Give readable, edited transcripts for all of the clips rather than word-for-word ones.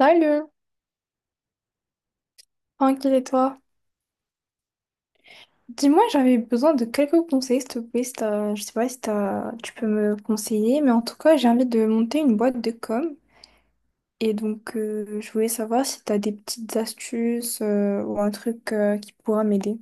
Salut, tranquille et toi? Dis-moi, j'avais besoin de quelques conseils, s'il te plaît. Si t'as- Tu peux me conseiller, mais en tout cas, j'ai envie de monter une boîte de com. Et donc, je voulais savoir si tu as des petites astuces ou un truc qui pourra m'aider.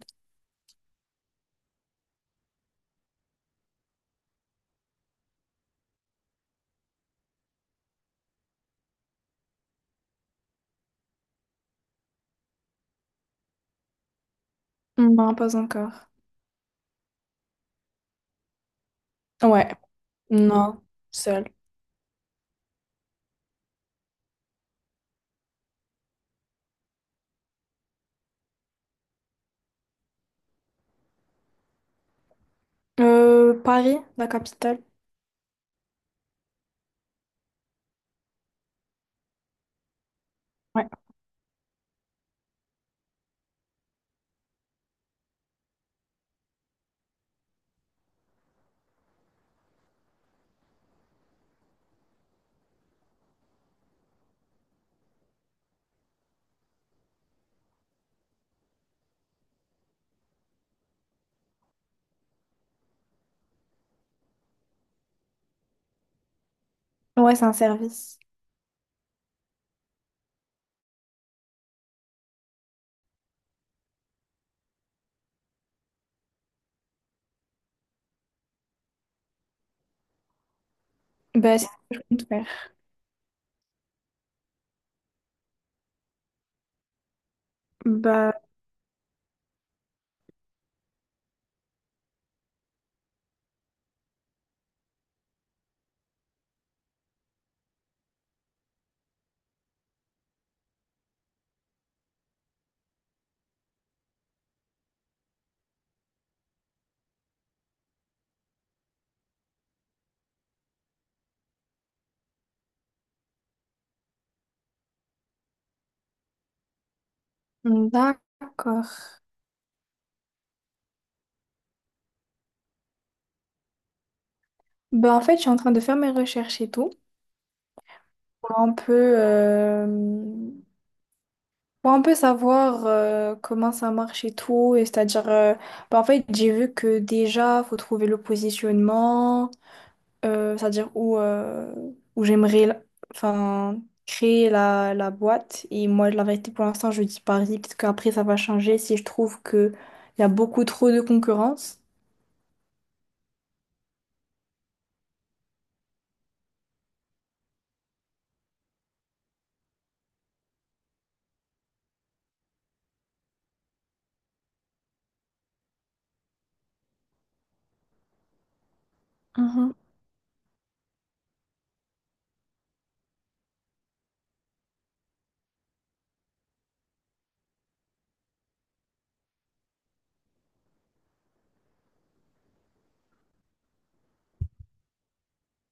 Non, pas encore. Ouais, non, seul. Paris, la capitale. Ouais, ouais, c'est un service. Bah, c'est tout faire. Bah, d'accord. Bah, en fait, je suis en train de faire mes recherches et tout. Pour un peu bon, on peut savoir comment ça marche et tout. Et c'est-à-dire, bah, en fait, j'ai vu que déjà, faut trouver le positionnement, c'est-à-dire où, où j'aimerais la- enfin, créer la boîte. Et moi, la vérité, pour l'instant, je dis Paris. Peut-être qu'après, ça va changer si je trouve qu'il y a beaucoup trop de concurrence.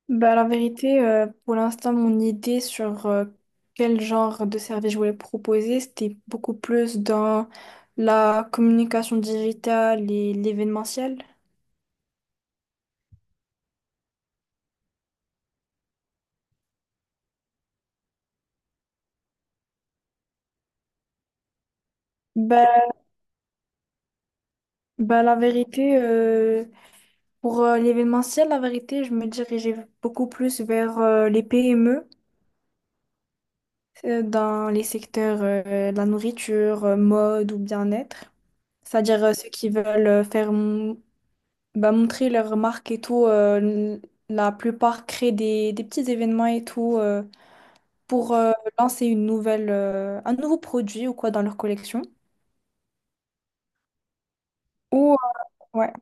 Bah, la vérité, pour l'instant, mon idée sur quel genre de service je voulais proposer, c'était beaucoup plus dans la communication digitale et l'événementiel. Bah, bah, la vérité, pour l'événementiel, la vérité, je me dirigeais beaucoup plus vers les PME dans les secteurs de la nourriture, mode ou bien-être. C'est-à-dire ceux qui veulent faire bah, montrer leurs marques et tout. La plupart créent des petits événements et tout pour un nouveau produit ou quoi dans leur collection. Ou, ouais.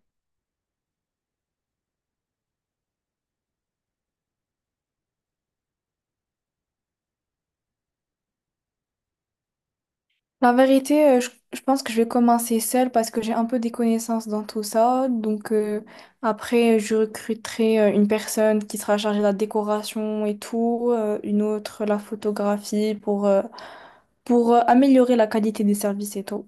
La vérité, je pense que je vais commencer seule parce que j'ai un peu des connaissances dans tout ça. Donc après, je recruterai une personne qui sera chargée de la décoration et tout, une autre la photographie pour améliorer la qualité des services et tout.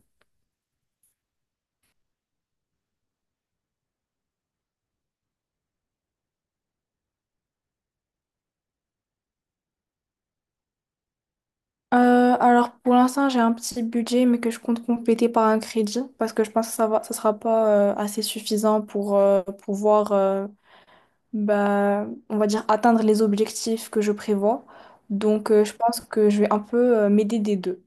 Euh, alors pour l'instant j'ai un petit budget mais que je compte compléter par un crédit parce que je pense que ça sera pas assez suffisant pour pouvoir bah, on va dire atteindre les objectifs que je prévois. Donc je pense que je vais un peu m'aider des deux.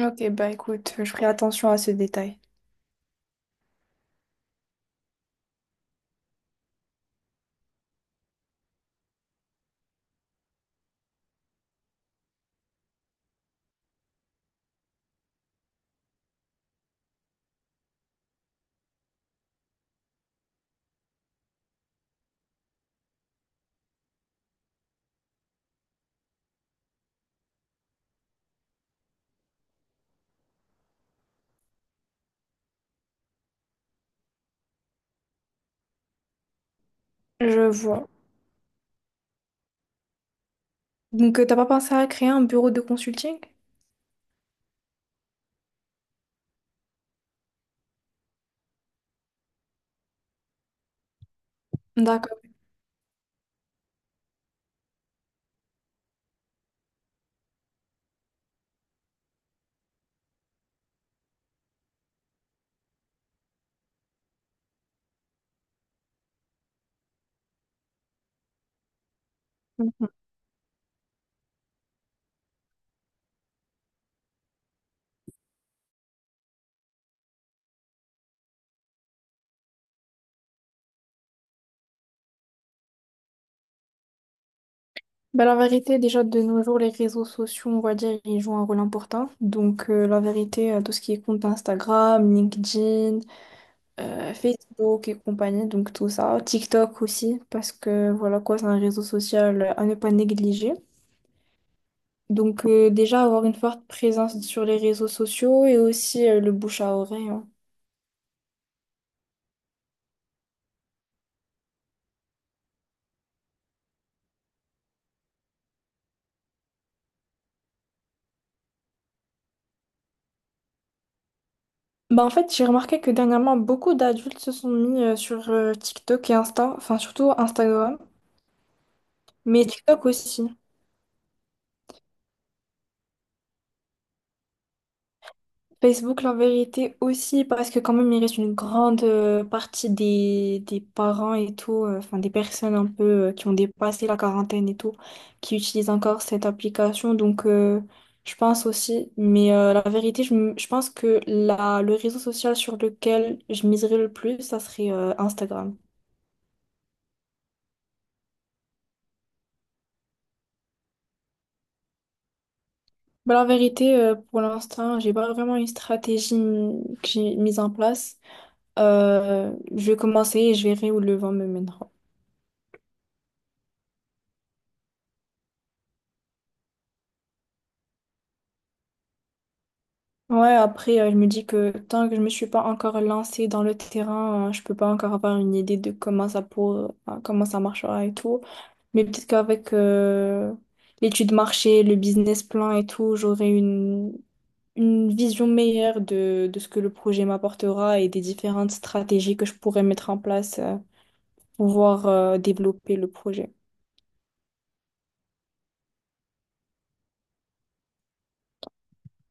Ok bah écoute, je ferai attention à ce détail. Je vois. Donc, t'as pas pensé à créer un bureau de consulting? D'accord. Mhm. Bah, la vérité, déjà de nos jours, les réseaux sociaux, on va dire, ils jouent un rôle important. Donc, la vérité, tout ce qui est compte Instagram, LinkedIn, Facebook et compagnie, donc tout ça. TikTok aussi, parce que voilà quoi, c'est un réseau social à ne pas négliger. Donc, déjà avoir une forte présence sur les réseaux sociaux et aussi le bouche à oreille, hein. Bah en fait, j'ai remarqué que dernièrement, beaucoup d'adultes se sont mis sur TikTok et Insta, enfin surtout Instagram, mais TikTok aussi. Facebook, la vérité aussi, parce que quand même, il reste une grande partie des parents et tout, enfin des personnes un peu qui ont dépassé la quarantaine et tout, qui utilisent encore cette application. Donc, je pense aussi, mais la vérité, je pense que le réseau social sur lequel je miserais le plus, ça serait Instagram. Bah, la vérité, pour l'instant, j'ai pas vraiment une stratégie que j'ai mise en place. Je vais commencer et je verrai où le vent me mènera. Ouais, après, je me dis que tant que je me suis pas encore lancée dans le terrain, je peux pas encore avoir une idée de comment ça marchera et tout. Mais peut-être qu'avec l'étude marché, le business plan et tout, une vision meilleure de ce que le projet m'apportera et des différentes stratégies que je pourrais mettre en place, pouvoir développer le projet.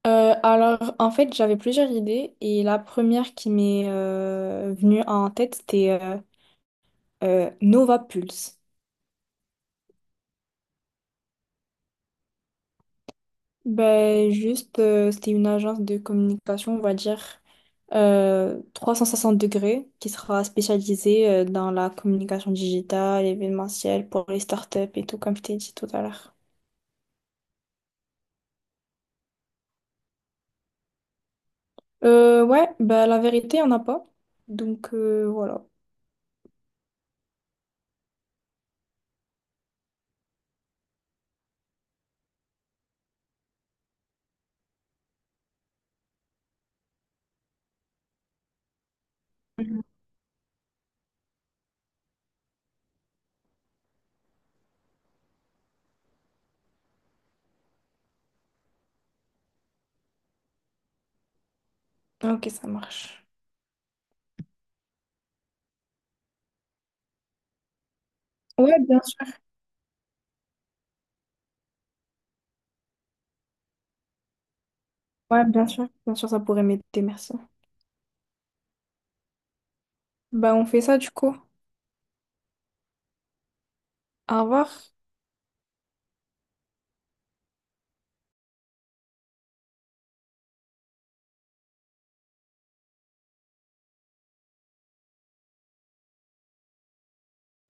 Alors, en fait, j'avais plusieurs idées et la première qui m'est venue en tête, c'était Nova Pulse. Ben, juste, c'était une agence de communication, on va dire, 360 degrés, qui sera spécialisée dans la communication digitale, événementielle, pour les startups et tout, comme je t'ai dit tout à l'heure. Ouais, ben, la vérité, il n'y en a pas. Donc, voilà. Mhm. Ok, ça marche. Ouais, bien sûr. Ouais, bien sûr. Bien sûr, ça pourrait m'aider, merci. Bah, on fait ça du coup. Au revoir.